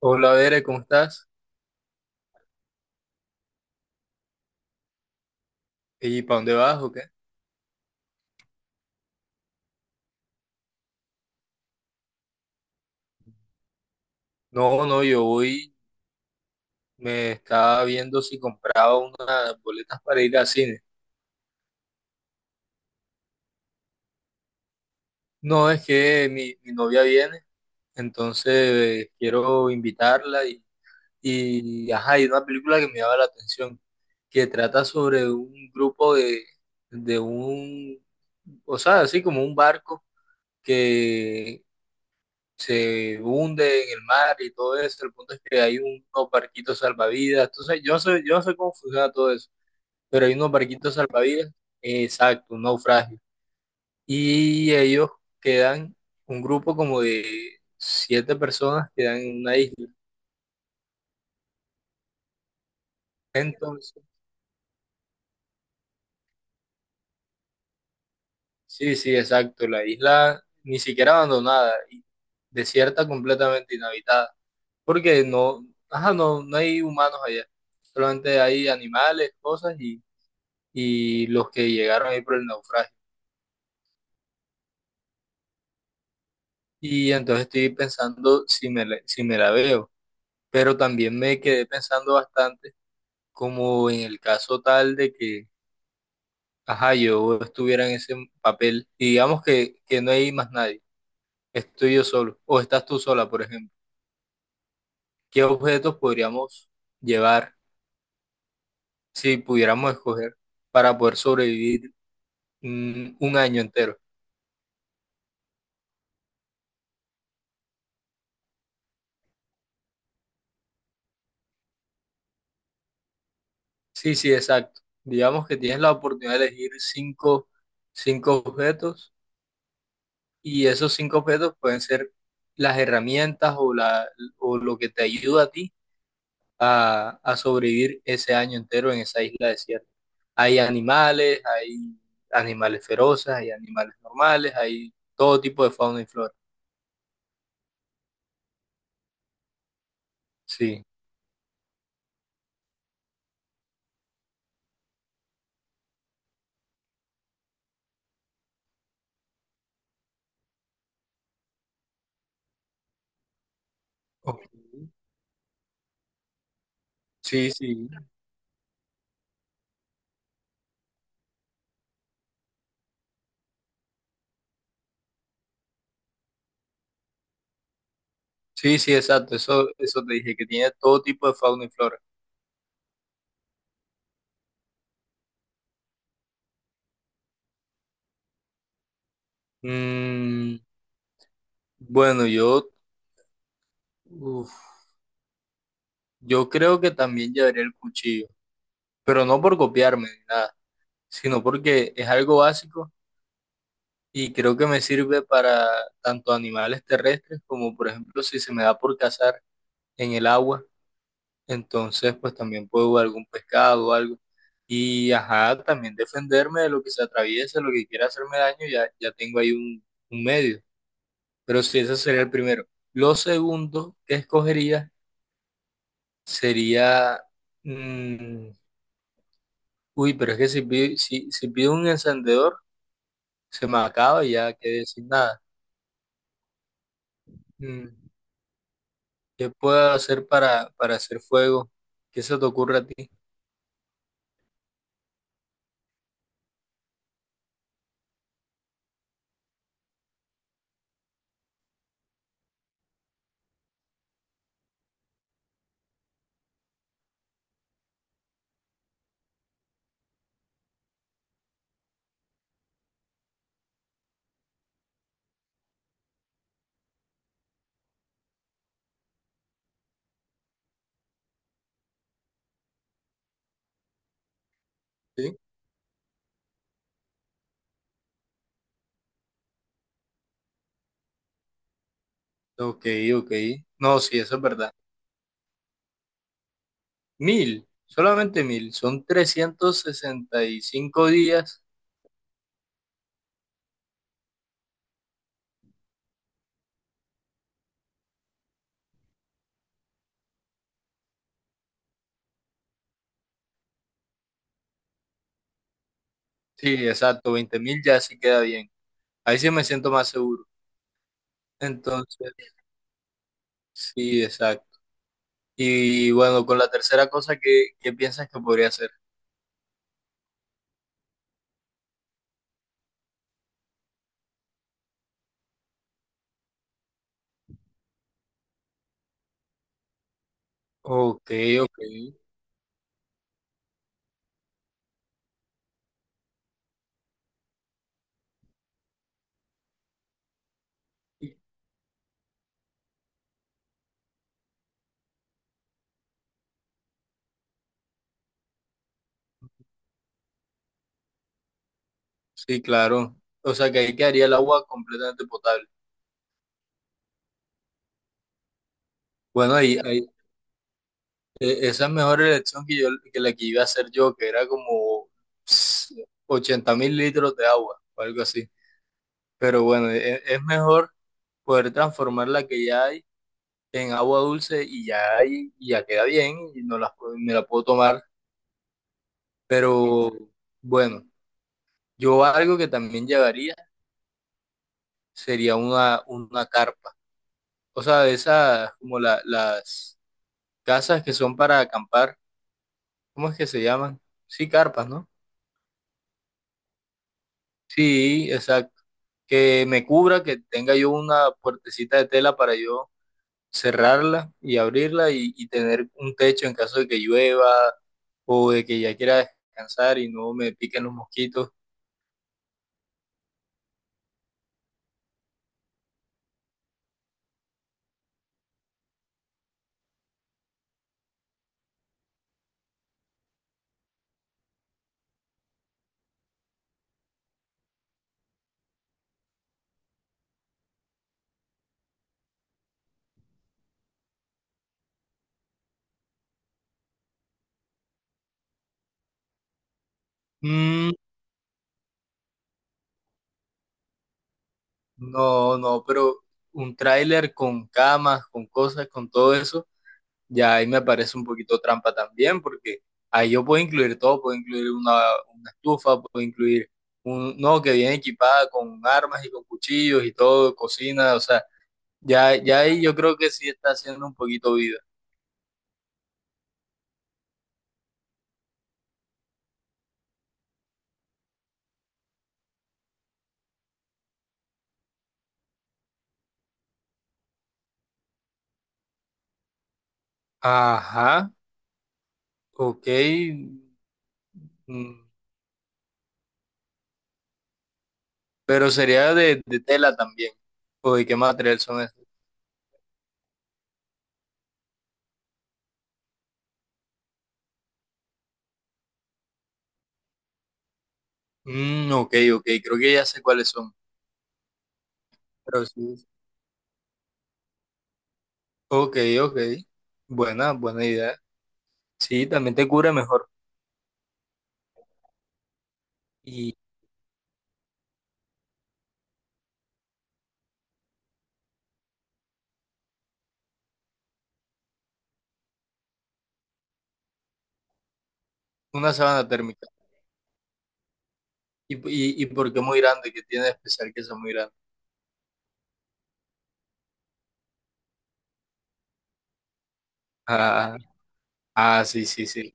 Hola, Bere, ¿cómo estás? ¿Y para dónde vas o qué? No, no, yo voy, me estaba viendo si compraba unas boletas para ir al cine. No, es que mi novia viene, entonces quiero invitarla y, ajá, hay una película que me llama la atención, que trata sobre un grupo de o sea, así como un barco que se hunde en el mar y todo eso. El punto es que hay unos barquitos salvavidas. Entonces, yo no sé cómo funciona todo eso, pero hay unos barquitos salvavidas, exacto, un naufragio. Y ellos quedan, un grupo como de siete personas quedan en una isla. Entonces, sí, sí, exacto, la isla ni siquiera abandonada, y desierta completamente inhabitada, porque no, ajá, no hay humanos allá, solamente hay animales, cosas y los que llegaron ahí por el naufragio. Y entonces estoy pensando si me la veo, pero también me quedé pensando bastante como en el caso tal de que, ajá, yo estuviera en ese papel y digamos que no hay más nadie, estoy yo solo o estás tú sola, por ejemplo. ¿Qué objetos podríamos llevar si pudiéramos escoger para poder sobrevivir un año entero? Sí, sí, exacto. Digamos que tienes la oportunidad de elegir cinco objetos. Y esos cinco objetos pueden ser las herramientas o lo que te ayuda a ti a sobrevivir ese año entero en esa isla desierta. Hay animales feroces, hay animales normales, hay todo tipo de fauna y flora. Sí. Ok. Sí, sí. Sí, sí, exacto. Eso te dije, que tiene todo tipo de fauna y flora. Mm, bueno, yo, uf, yo creo que también llevaría el cuchillo, pero no por copiarme ni nada sino porque es algo básico y creo que me sirve para tanto animales terrestres como, por ejemplo, si se me da por cazar en el agua, entonces pues también puedo algún pescado o algo. Y ajá, también defenderme de lo que se atraviese, lo que quiera hacerme daño, ya, ya tengo ahí un medio. Pero sí, ese sería el primero. Lo segundo que escogería sería, mm, uy, pero es que si pido un encendedor, se me acaba y ya quedé sin nada. Mm. ¿Qué puedo hacer para hacer fuego? ¿Qué se te ocurre a ti? ¿Sí? Ok, ok. No, sí, eso es verdad. 1000, solamente 1000. Son 365 días. Sí, exacto, 20.000 ya sí queda bien. Ahí sí me siento más seguro. Entonces, sí, exacto. Y bueno, con la tercera cosa, ¿qué, qué piensas que podría hacer? Ok, ok. Sí, claro. O sea que ahí quedaría el agua completamente potable. Bueno, ahí, ahí, esa es mejor elección que yo, que la que iba a hacer yo, que era como 80.000 litros de agua o algo así. Pero bueno, es, mejor poder transformar la que ya hay en agua dulce y ya hay, y ya queda bien y no la, me la puedo tomar. Pero bueno, yo algo que también llevaría sería una carpa. O sea, de esas como las casas que son para acampar, ¿cómo es que se llaman? Sí, carpas, ¿no? Sí, exacto. Que me cubra, que tenga yo una puertecita de tela para yo cerrarla y abrirla y tener un techo en caso de que llueva o de que ya quiera descansar y no me piquen los mosquitos. Mm, no, no, pero un tráiler con camas, con cosas, con todo eso. Ya ahí me parece un poquito trampa también, porque ahí yo puedo incluir todo, puedo incluir una estufa, puedo incluir no, que viene equipada con armas y con cuchillos y todo, cocina, o sea, ya ahí yo creo que sí está haciendo un poquito vida. Ajá, ok, mm, pero sería de tela también, o de qué material son estos. Ok, ok, creo que ya sé cuáles son, pero sí. Ok, ok, buena idea. Sí, también te cubre mejor. Y una sábana térmica. ¿Y por qué muy grande? ¿Qué tiene de especial que sea muy grande? Ah, ah, sí, sí, sí.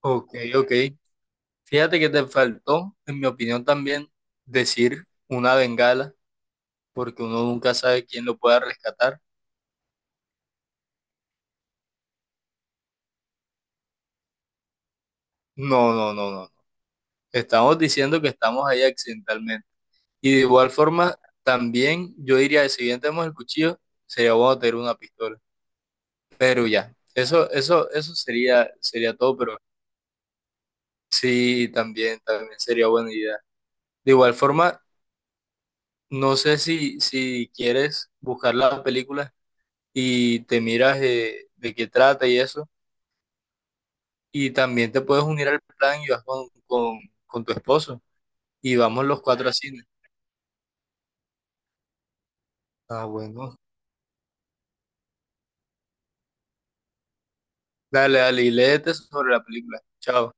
Ok, ok. Fíjate que te faltó, en mi opinión también, decir una bengala, porque uno nunca sabe quién lo pueda rescatar. No, no, no, no. No. Estamos diciendo que estamos ahí accidentalmente. Y de igual forma, también yo diría, que si bien tenemos el cuchillo, sería bueno tener una pistola. Pero ya, eso sería todo, pero sí, también sería buena idea. De igual forma, no sé si quieres buscar la película y te miras de qué trata y eso. Y también te puedes unir al plan y vas con tu esposo. Y vamos los cuatro a cine. Ah, bueno. Dale, dale, y léete sobre la película. Chao.